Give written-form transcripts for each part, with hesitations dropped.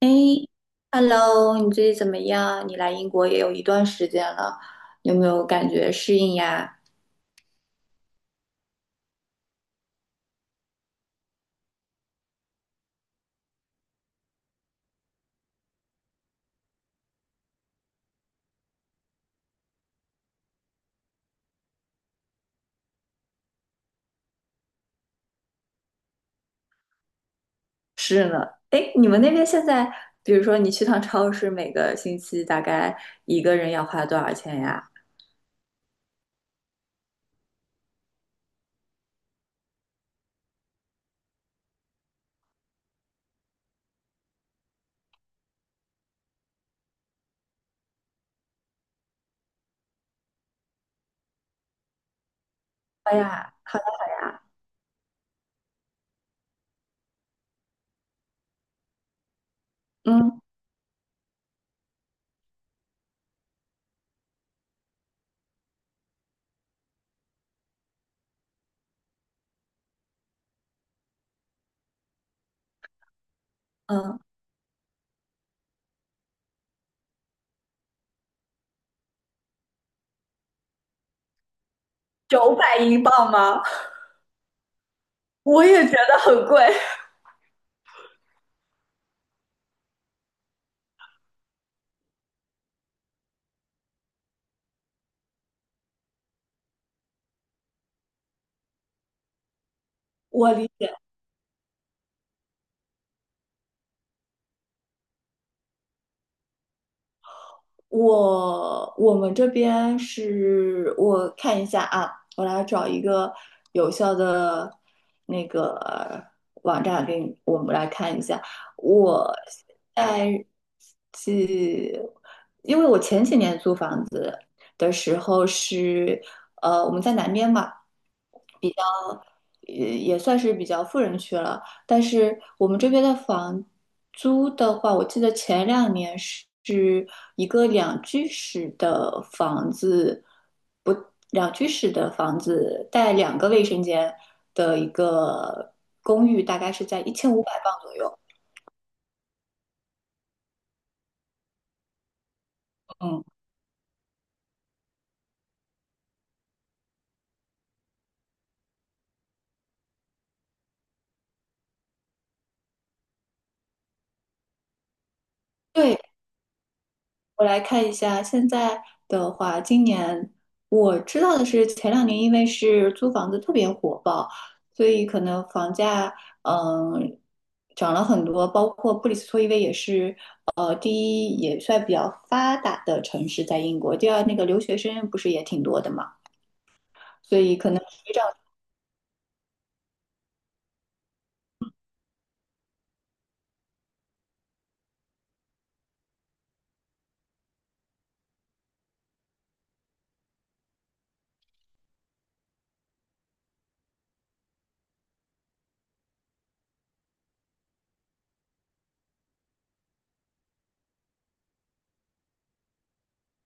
哎，hello，你最近怎么样？你来英国也有一段时间了，有没有感觉适应呀？是呢。哎，你们那边现在，比如说你去趟超市，每个星期大概一个人要花多少钱呀？哎呀，好呀好呀，嗯嗯，900英镑吗？我也觉得很贵。我理解，我们这边是我看一下啊，我来找一个有效的那个网站给你，我们来看一下。我在是，因为我前几年租房子的时候是，我们在南边嘛，也算是比较富人区了。但是我们这边的房租的话，我记得前两年是一个两居室的房子，不，两居室的房子带两个卫生间的一个公寓，大概是在1500磅左右。嗯。对。我来看一下，现在的话，今年我知道的是，前两年因为是租房子特别火爆，所以可能房价嗯涨了很多，包括布里斯托，因为也是第一也算比较发达的城市，在英国，第二那个留学生不是也挺多的嘛，所以可能水涨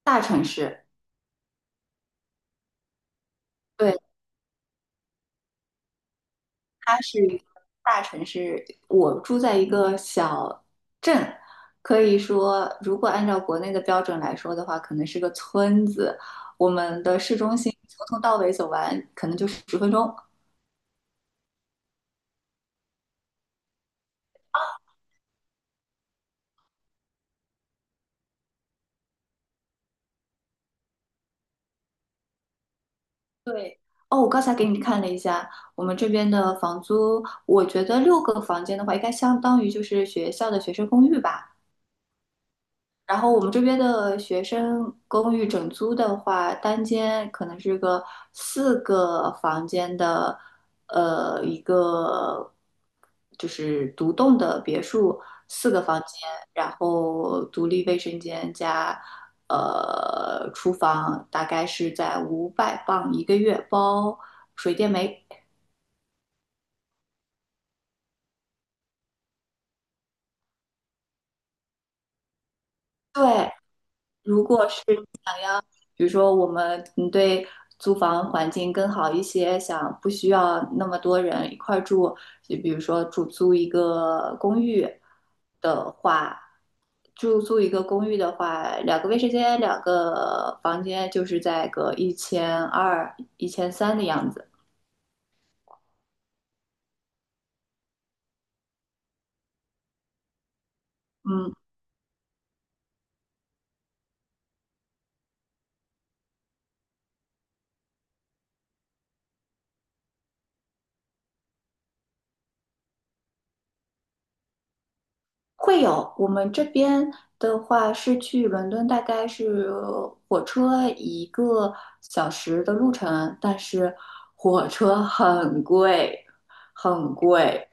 大城市。对。它是一个大城市，我住在一个小镇，可以说，如果按照国内的标准来说的话，可能是个村子。我们的市中心从头到尾走完，可能就是10分钟。对，哦，我刚才给你看了一下，我们这边的房租，我觉得六个房间的话，应该相当于就是学校的学生公寓吧。然后我们这边的学生公寓整租的话，单间可能是个四个房间的，一个就是独栋的别墅，四个房间，然后独立卫生间加厨房，大概是在五百磅一个月，包水电煤。对，如果。比如说我们嗯对租房环境更好一些，想不需要那么多人一块儿住，就比如说住租一个公寓的话，住租一个公寓的话，两个卫生间、两个房间就是在个1200、1300的样子。嗯，会有，我们这边的话是去伦敦，大概是火车一个小时的路程，但是火车很贵，很贵。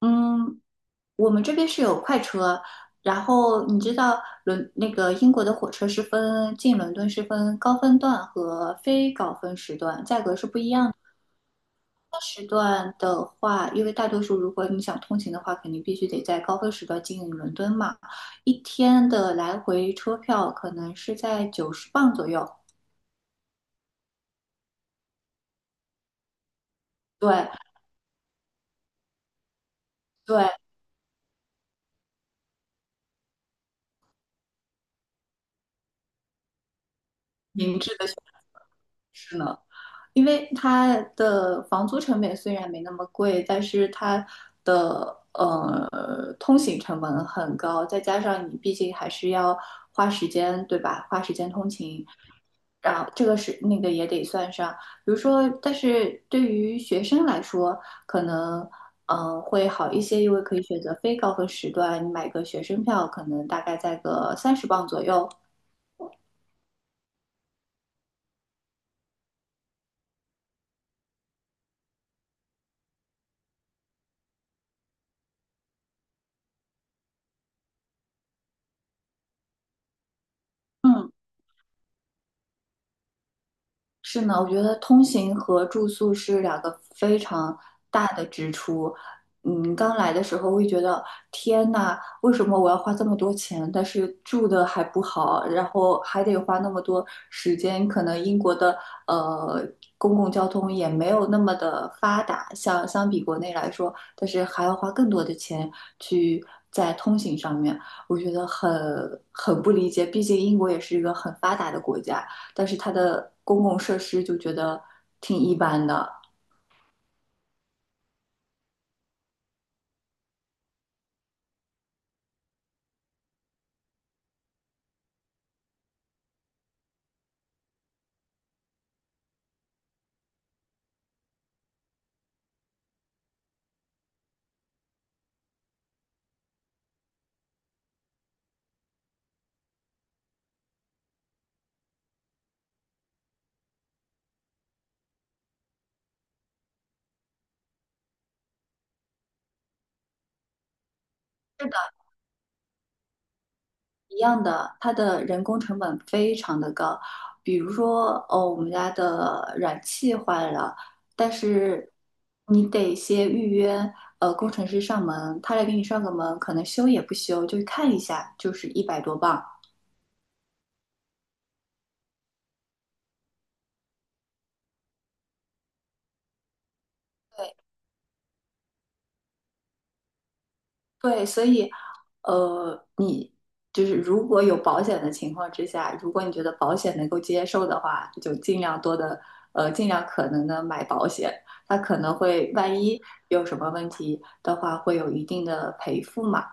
嗯，我们这边是有快车，然后你知道伦那个英国的火车是分进伦敦是分高峰段和非高峰时段，价格是不一样。的。时段的话，因为大多数如果你想通勤的话，肯定必须得在高峰时段进伦敦嘛。一天的来回车票可能是在90磅左右。对对，明智的选择呢。因为它的房租成本虽然没那么贵，但是它的通行成本很高，再加上你毕竟还是要花时间，对吧？花时间通勤，然后这个是那个也得算上。比如说，但是对于学生来说，可能会好一些，因为可以选择非高峰时段，你买个学生票，可能大概在个30磅左右。嗯。是呢，我觉得通行和住宿是两个非常大的支出。嗯，刚来的时候会觉得天呐，为什么我要花这么多钱？但是住的还不好，然后还得花那么多时间。可能英国的呃公共交通也没有那么的发达，像相比国内来说，但是还要花更多的钱去在通行上面，我觉得很不理解。毕竟英国也是一个很发达的国家。但是它的公共设施就觉得挺一般的。是的，一样的，它的人工成本非常的高。比如说，哦，我们家的燃气坏了，但是你得先预约，工程师上门，他来给你上个门，可能修也不修，就看一下，就是100多磅，对，对，所以，你就是如果有保险的情况之下，如果你觉得保险能够接受的话，就尽量多的，尽量可能的买保险。它可能会万一有什么问题的话，会有一定的赔付嘛。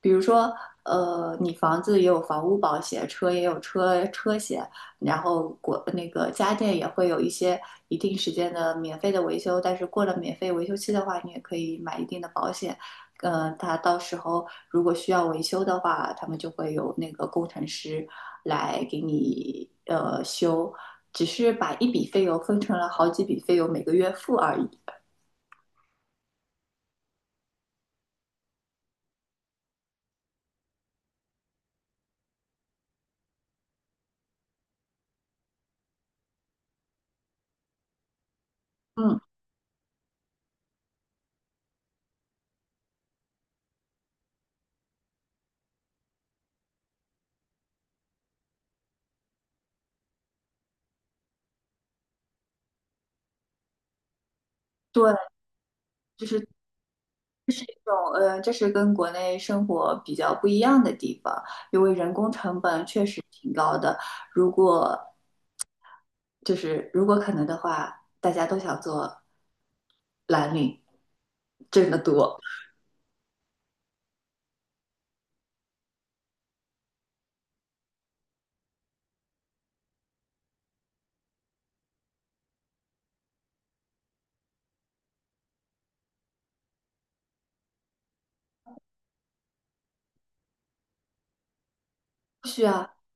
比如说，你房子也有房屋保险，车也有车险，然后国那个家电也会有一些一定时间的免费的维修，但是过了免费维修期的话，你也可以买一定的保险。他到时候如果需要维修的话，他们就会有那个工程师来给你修，只是把一笔费用分成了好几笔费用，每个月付而已。嗯，对，就是。种，这是跟国内生活比较不一样的地方，因为人工成本确实挺高的。如果就是如果可能的话，大家都想做蓝领，挣得多。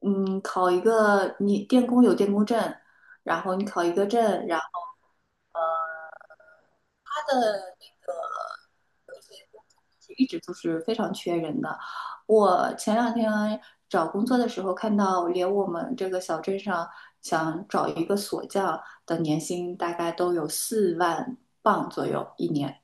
嗯，考一个你电工有电工证，然后你考一个证，然后。一直都是非常缺人的。我前两天找工作的时候看到，连我们这个小镇上想找一个锁匠的年薪大概都有4万镑左右一年。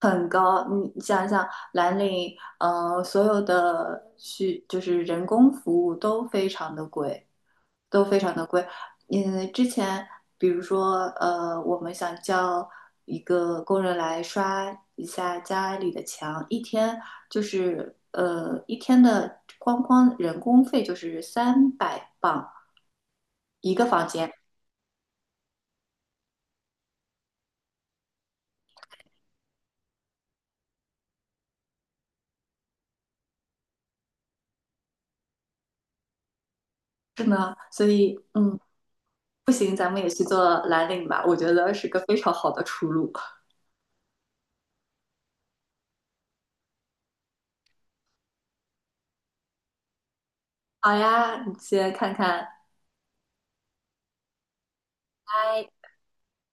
很高，你想想，蓝领，所有的需就是人工服务都非常的贵，都非常的贵。嗯，之前比如说，我们想叫一个工人来刷一下家里的墙，一天就是一天的光人工费就是300磅一个房间，是呢，所以嗯，不行，咱们也去做蓝领吧，我觉得是个非常好的出路。好呀，你先看看，嗨。